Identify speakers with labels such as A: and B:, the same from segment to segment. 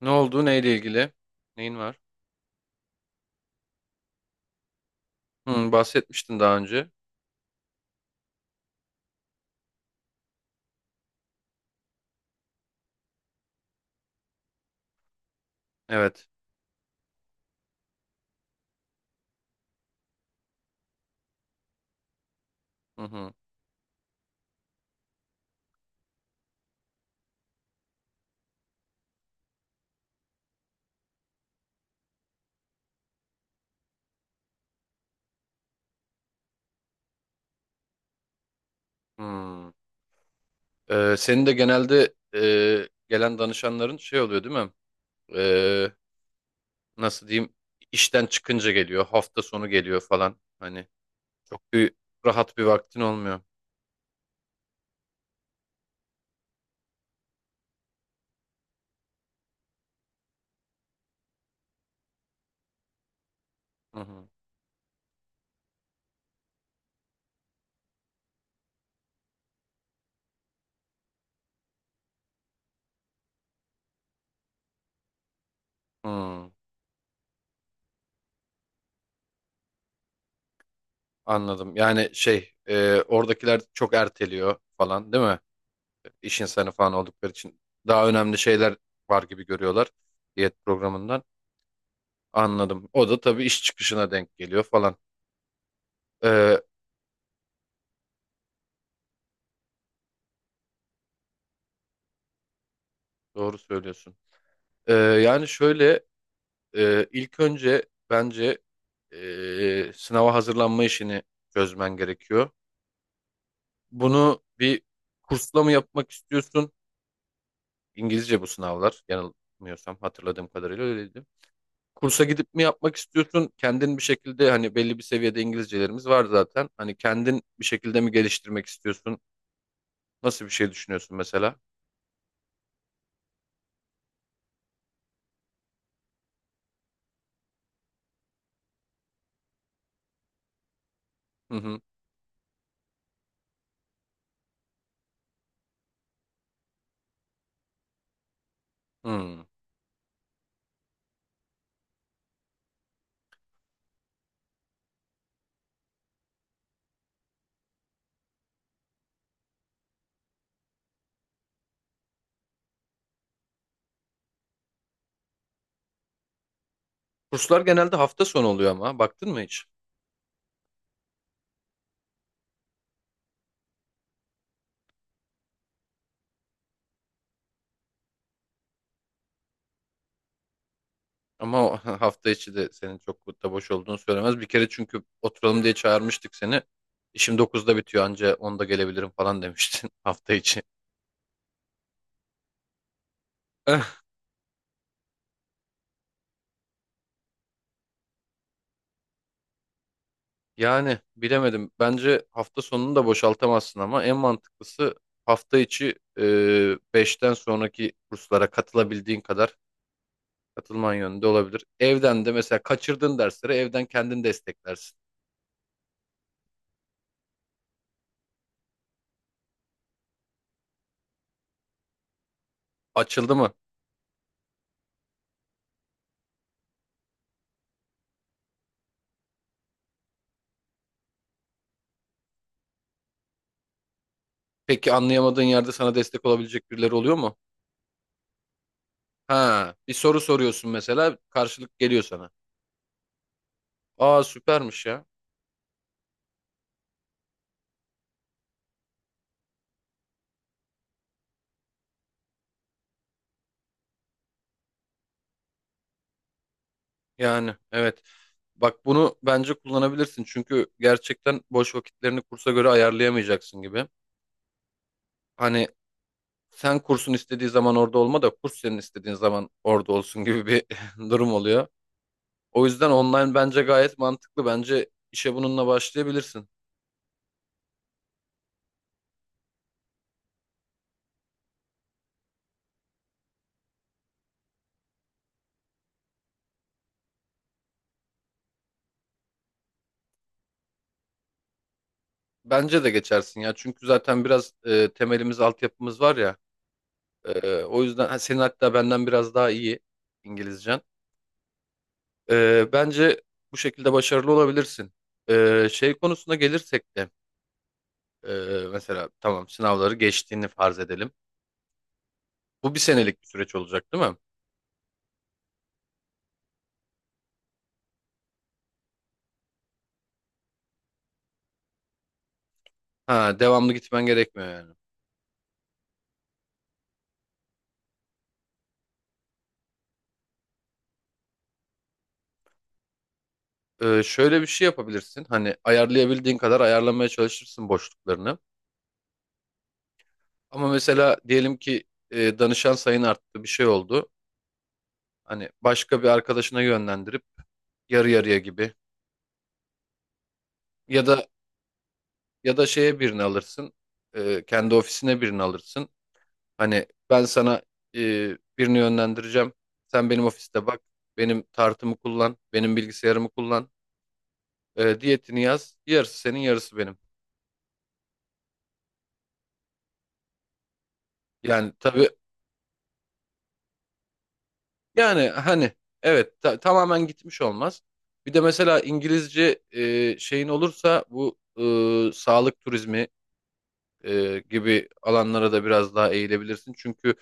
A: Ne oldu? Neyle ilgili? Neyin var? Hı, bahsetmiştin daha önce. Evet. Hı hı. Hı. Senin de genelde gelen danışanların şey oluyor değil mi? Ee, nasıl diyeyim? İşten çıkınca geliyor. Hafta sonu geliyor falan. Hani çok bir rahat bir vaktin olmuyor. Hı hı. Hı. Anladım. Yani şey oradakiler çok erteliyor falan değil mi? İş insanı falan oldukları için daha önemli şeyler var gibi görüyorlar diyet programından. Anladım. O da tabii iş çıkışına denk geliyor falan. Ee, doğru söylüyorsun. Yani şöyle ilk önce bence sınava hazırlanma işini çözmen gerekiyor. Bunu bir kursla mı yapmak istiyorsun? İngilizce bu sınavlar. Yanılmıyorsam hatırladığım kadarıyla öyleydi. Kursa gidip mi yapmak istiyorsun? Kendin bir şekilde hani belli bir seviyede İngilizcelerimiz var zaten. Hani kendin bir şekilde mi geliştirmek istiyorsun? Nasıl bir şey düşünüyorsun mesela? Hı hı. Hı. Kurslar genelde hafta sonu oluyor ama baktın mı hiç? Ama o hafta içi de senin çok da boş olduğunu söylemez. Bir kere çünkü oturalım diye çağırmıştık seni. İşim dokuzda bitiyor anca onda gelebilirim falan demiştin hafta içi. Eh, yani bilemedim. Bence hafta sonunu da boşaltamazsın ama en mantıklısı hafta içi 5'ten sonraki kurslara katılabildiğin kadar katılman yönünde olabilir. Evden de mesela kaçırdığın dersleri evden kendin desteklersin. Açıldı mı? Peki anlayamadığın yerde sana destek olabilecek birileri oluyor mu? Ha, bir soru soruyorsun mesela karşılık geliyor sana. Aa süpermiş ya. Yani evet. Bak bunu bence kullanabilirsin çünkü gerçekten boş vakitlerini kursa göre ayarlayamayacaksın gibi. Hani sen kursun istediği zaman orada olma da kurs senin istediğin zaman orada olsun gibi bir durum oluyor. O yüzden online bence gayet mantıklı. Bence işe bununla başlayabilirsin. Bence de geçersin ya çünkü zaten biraz temelimiz, altyapımız var ya. O yüzden ha, senin hatta benden biraz daha iyi İngilizcen. Bence bu şekilde başarılı olabilirsin. Şey konusuna gelirsek de mesela tamam sınavları geçtiğini farz edelim. Bu bir senelik bir süreç olacak değil mi? Ha, devamlı gitmen gerekmiyor yani. Şöyle bir şey yapabilirsin. Hani ayarlayabildiğin kadar ayarlamaya çalışırsın boşluklarını. Ama mesela diyelim ki danışan sayın arttı bir şey oldu. Hani başka bir arkadaşına yönlendirip yarı yarıya gibi. Ya da Ya da şeye birini alırsın. Kendi ofisine birini alırsın. Hani ben sana e, birini yönlendireceğim. Sen benim ofiste bak. Benim tartımı kullan. Benim bilgisayarımı kullan. Diyetini yaz. Yarısı senin yarısı benim. Yani tabii yani hani evet tamamen gitmiş olmaz. Bir de mesela İngilizce şeyin olursa bu sağlık turizmi gibi alanlara da biraz daha eğilebilirsin. Çünkü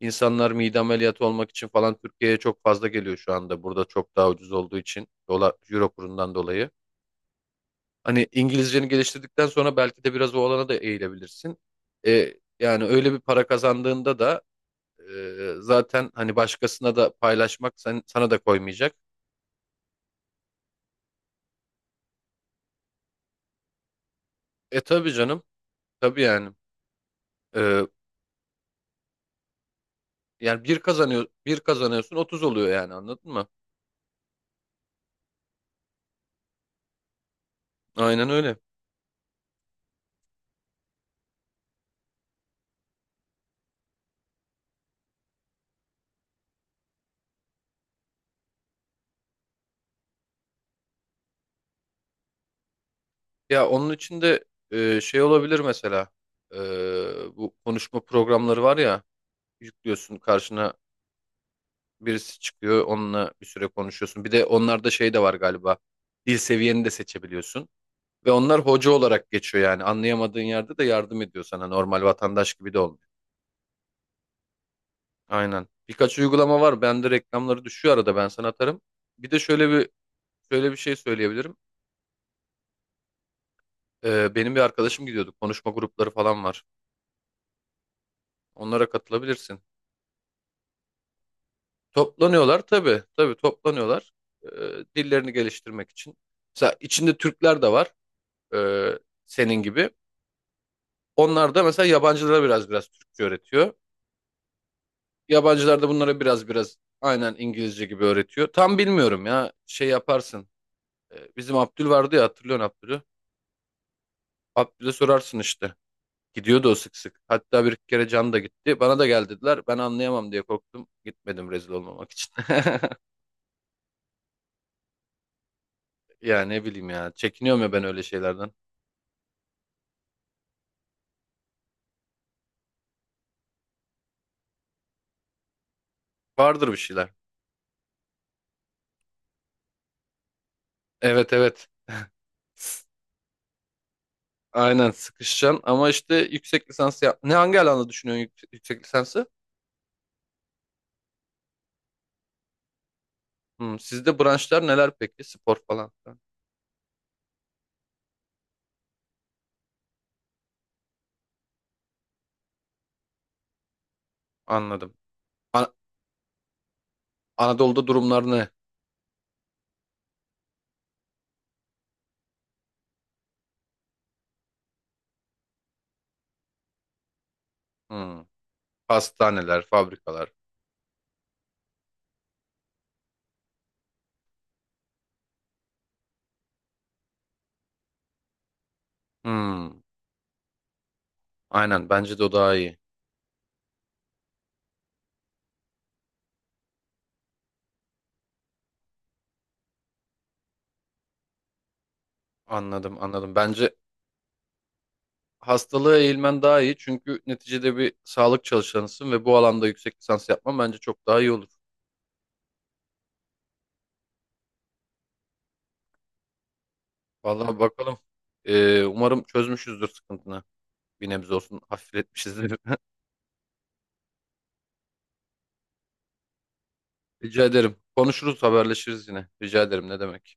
A: insanlar mide ameliyatı olmak için falan Türkiye'ye çok fazla geliyor şu anda. Burada çok daha ucuz olduğu için dolar, euro kurundan dolayı. Hani İngilizceni geliştirdikten sonra belki de biraz o alana da eğilebilirsin. E, yani öyle bir para kazandığında da zaten hani başkasına da paylaşmak sen, sana da koymayacak. Tabii canım. Tabii yani. E, yani bir kazanıyor, bir kazanıyorsun 30 oluyor yani anladın mı? Aynen öyle. Ya onun için de şey olabilir mesela. E, bu konuşma programları var ya yüklüyorsun karşına birisi çıkıyor onunla bir süre konuşuyorsun. Bir de onlarda şey de var galiba dil seviyeni de seçebiliyorsun. Ve onlar hoca olarak geçiyor yani anlayamadığın yerde de yardım ediyor sana normal vatandaş gibi de olmuyor. Aynen. Birkaç uygulama var. Bende reklamları düşüyor arada ben sana atarım. Bir de şöyle bir şey söyleyebilirim. Benim bir arkadaşım gidiyordu. Konuşma grupları falan var. Onlara katılabilirsin. Toplanıyorlar tabii tabii toplanıyorlar. Ee, dillerini geliştirmek için. Mesela içinde Türkler de var, ee, senin gibi. Onlar da mesela yabancılara biraz biraz Türkçe öğretiyor. Yabancılar da bunlara biraz biraz aynen İngilizce gibi öğretiyor. Tam bilmiyorum ya şey yaparsın. Bizim Abdül vardı ya, hatırlıyorsun Abdül'ü. Abdül'e sorarsın işte. Gidiyordu o sık sık. Hatta bir kere Can da gitti. Bana da gel dediler. Ben anlayamam diye korktum. Gitmedim rezil olmamak için. Ya ne bileyim ya. Çekiniyorum ya ben öyle şeylerden. Vardır bir şeyler. Evet evet. S- Aynen sıkışacaksın ama işte yüksek lisans yap. Hangi alanda düşünüyorsun yüksek lisansı? Hmm, sizde branşlar neler peki? Spor falan filan. Anladım. An- Anadolu'da durumlar ne? Hmm, hastaneler, fabrikalar. Hmm, aynen, bence de o daha iyi. Anladım anladım. Bence hastalığa eğilmen daha iyi çünkü neticede bir sağlık çalışanısın ve bu alanda yüksek lisans yapman bence çok daha iyi olur. Vallahi bakalım. Umarım çözmüşüzdür sıkıntını. Bir nebze olsun hafifletmişizdir. Rica ederim. Konuşuruz, haberleşiriz yine. Rica ederim. Ne demek?